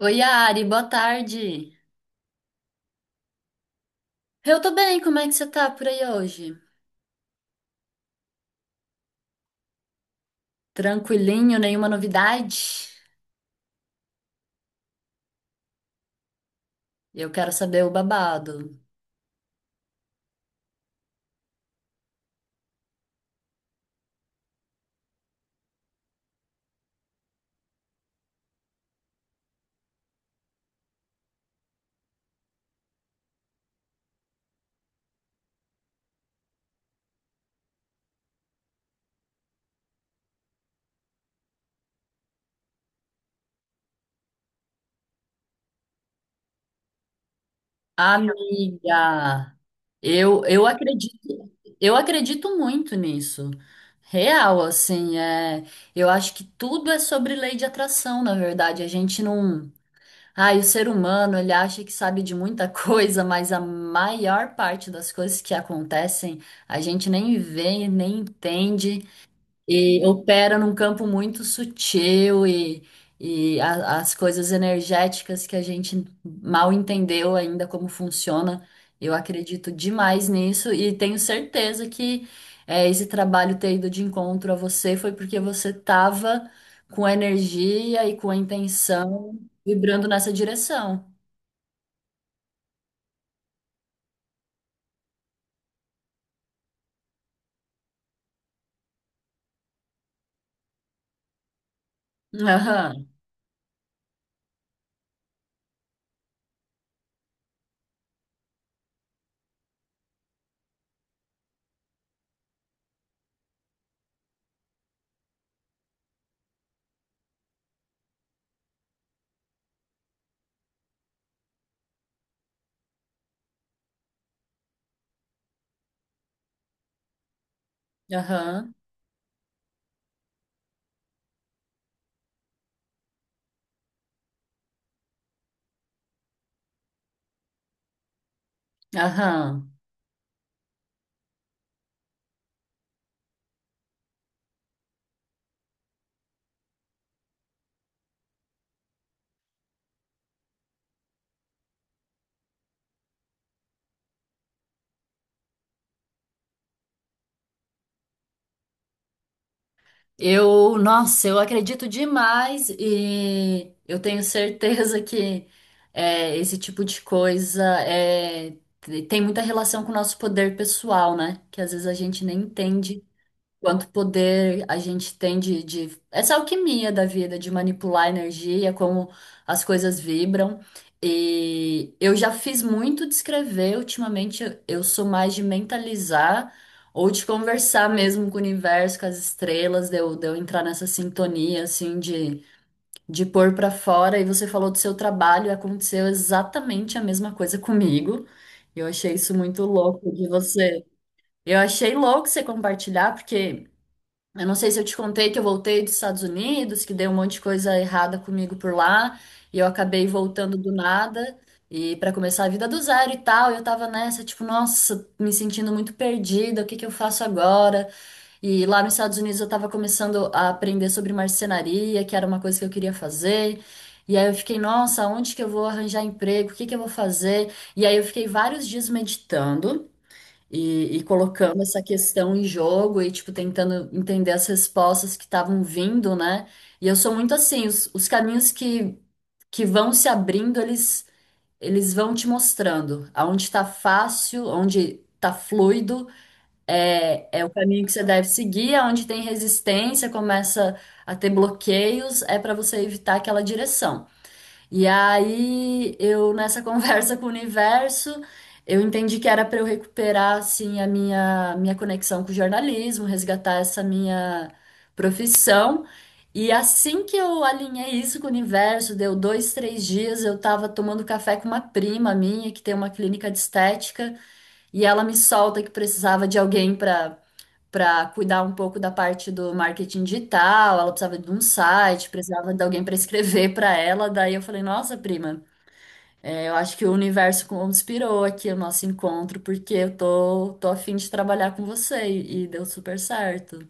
Oi, Ari, boa tarde. Eu tô bem, como é que você tá por aí hoje? Tranquilinho, nenhuma novidade? Eu quero saber o babado. Amiga, eu acredito, eu acredito muito nisso. Real, assim, eu acho que tudo é sobre lei de atração, na verdade. A gente não. Ai, o ser humano, ele acha que sabe de muita coisa, mas a maior parte das coisas que acontecem, a gente nem vê, nem entende. E opera num campo muito sutil e as coisas energéticas que a gente mal entendeu ainda como funciona. Eu acredito demais nisso e tenho certeza que esse trabalho ter ido de encontro a você foi porque você estava com a energia e com a intenção vibrando nessa direção. Aham, aham, aham. Eu, nossa, eu acredito demais e eu tenho certeza que esse tipo de coisa tem muita relação com o nosso poder pessoal, né? Que às vezes a gente nem entende quanto poder a gente tem de essa alquimia da vida, de manipular a energia, como as coisas vibram. E eu já fiz muito de escrever, ultimamente eu sou mais de mentalizar ou de conversar mesmo com o universo, com as estrelas, de eu entrar nessa sintonia, assim, de pôr pra fora. E você falou do seu trabalho, aconteceu exatamente a mesma coisa comigo. Eu achei isso muito louco de você. Eu achei louco você compartilhar, porque. Eu não sei se eu te contei que eu voltei dos Estados Unidos, que deu um monte de coisa errada comigo por lá, e eu acabei voltando do nada, e para começar a vida do zero e tal, eu tava nessa, tipo, nossa, me sentindo muito perdida, o que que eu faço agora? E lá nos Estados Unidos eu tava começando a aprender sobre marcenaria, que era uma coisa que eu queria fazer. E aí eu fiquei, nossa, onde que eu vou arranjar emprego? O que que eu vou fazer? E aí eu fiquei vários dias meditando. E colocando essa questão em jogo e, tipo, tentando entender as respostas que estavam vindo, né? E eu sou muito assim, os caminhos que vão se abrindo, eles vão te mostrando aonde tá fácil, onde tá fluido, é o caminho que você deve seguir, aonde tem resistência, começa a ter bloqueios, é para você evitar aquela direção. E aí, eu nessa conversa com o universo, eu entendi que era para eu recuperar assim a minha conexão com o jornalismo, resgatar essa minha profissão. E assim que eu alinhei isso com o universo, deu dois, três dias, eu estava tomando café com uma prima minha que tem uma clínica de estética e ela me solta que precisava de alguém para cuidar um pouco da parte do marketing digital, ela precisava de um site, precisava de alguém para escrever para ela. Daí eu falei, nossa, prima, é, eu acho que o universo conspirou aqui o nosso encontro, porque eu tô, tô a fim de trabalhar com você e deu super certo.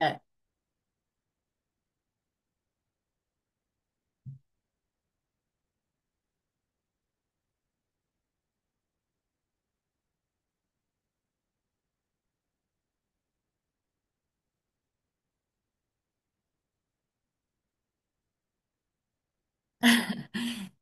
É.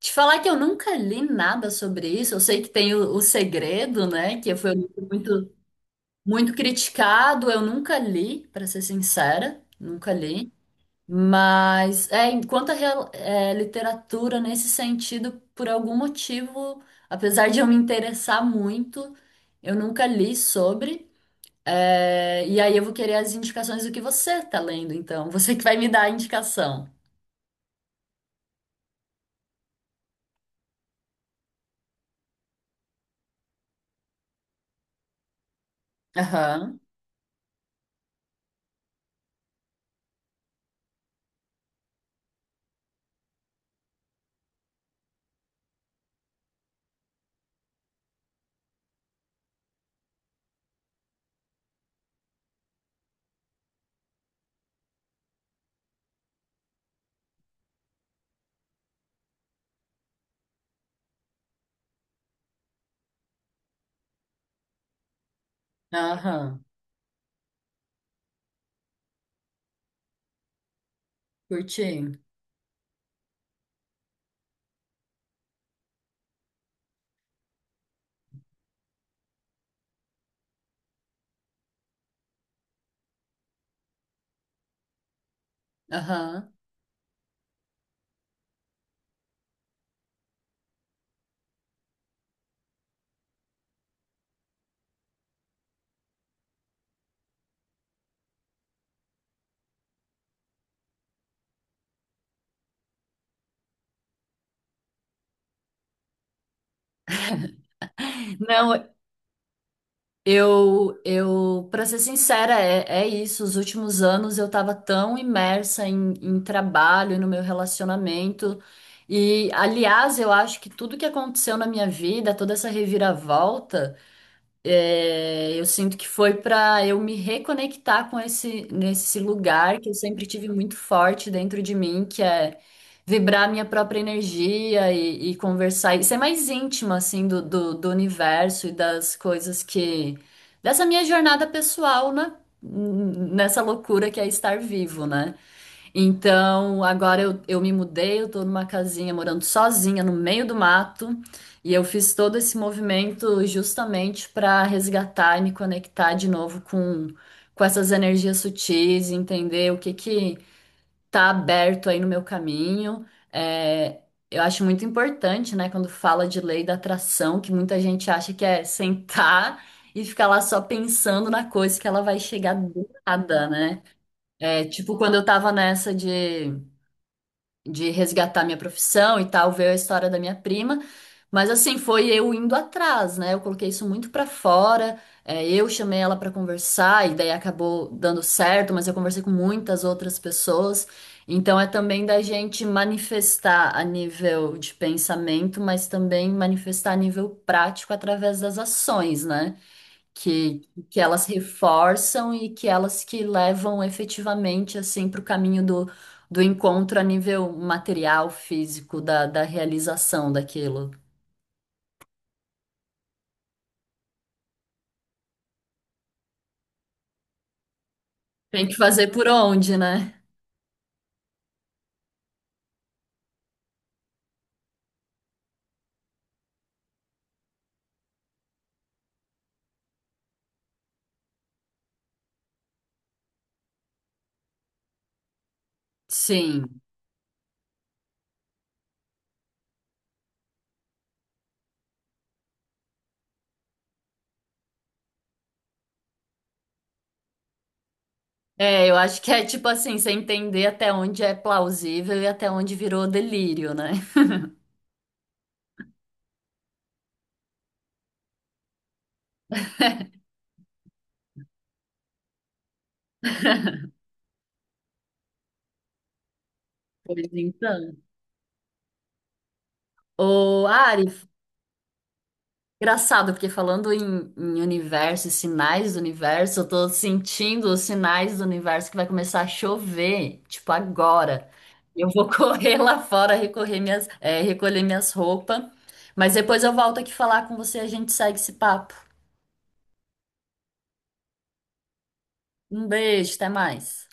Te falar que eu nunca li nada sobre isso, eu sei que tem o Segredo, né, que foi um livro muito, muito criticado, eu nunca li, para ser sincera, nunca li. Mas enquanto literatura nesse sentido, por algum motivo, apesar de eu me interessar muito, eu nunca li sobre. É, e aí eu vou querer as indicações do que você tá lendo, então. Você que vai me dar a indicação. Aham, aham. Curti. Aham. Não, para ser sincera, é isso. Os últimos anos eu estava tão imersa em trabalho, no meu relacionamento. E, aliás, eu acho que tudo que aconteceu na minha vida, toda essa reviravolta. É, eu sinto que foi para eu me reconectar com esse nesse lugar que eu sempre tive muito forte dentro de mim, que é vibrar minha própria energia e conversar e ser mais íntima assim do universo e das coisas que dessa minha jornada pessoal, né? Nessa loucura que é estar vivo, né? Então, agora eu me mudei, eu tô numa casinha morando sozinha no meio do mato, e eu fiz todo esse movimento justamente para resgatar e me conectar de novo com essas energias sutis, e entender o que que tá aberto aí no meu caminho. É, eu acho muito importante, né, quando fala de lei da atração, que muita gente acha que é sentar e ficar lá só pensando na coisa que ela vai chegar do nada, né? É, tipo, quando eu tava nessa de resgatar minha profissão e tal, veio a história da minha prima. Mas assim, foi eu indo atrás, né? Eu coloquei isso muito pra fora. Eu chamei ela pra conversar e daí acabou dando certo, mas eu conversei com muitas outras pessoas. Então é também da gente manifestar a nível de pensamento, mas também manifestar a nível prático através das ações, né? que, que elas reforçam e que elas que levam efetivamente assim para o caminho do encontro a nível material, físico, da realização daquilo. Tem que fazer por onde, né? Sim. É, eu acho que é tipo assim, você entender até onde é plausível e até onde virou delírio, né? Pois então. Ô, Ari, engraçado, porque falando em universo e sinais do universo, eu tô sentindo os sinais do universo que vai começar a chover, tipo agora. Eu vou correr lá fora, recolher minhas roupas, mas depois eu volto aqui falar com você e a gente segue esse papo. Um beijo, até mais.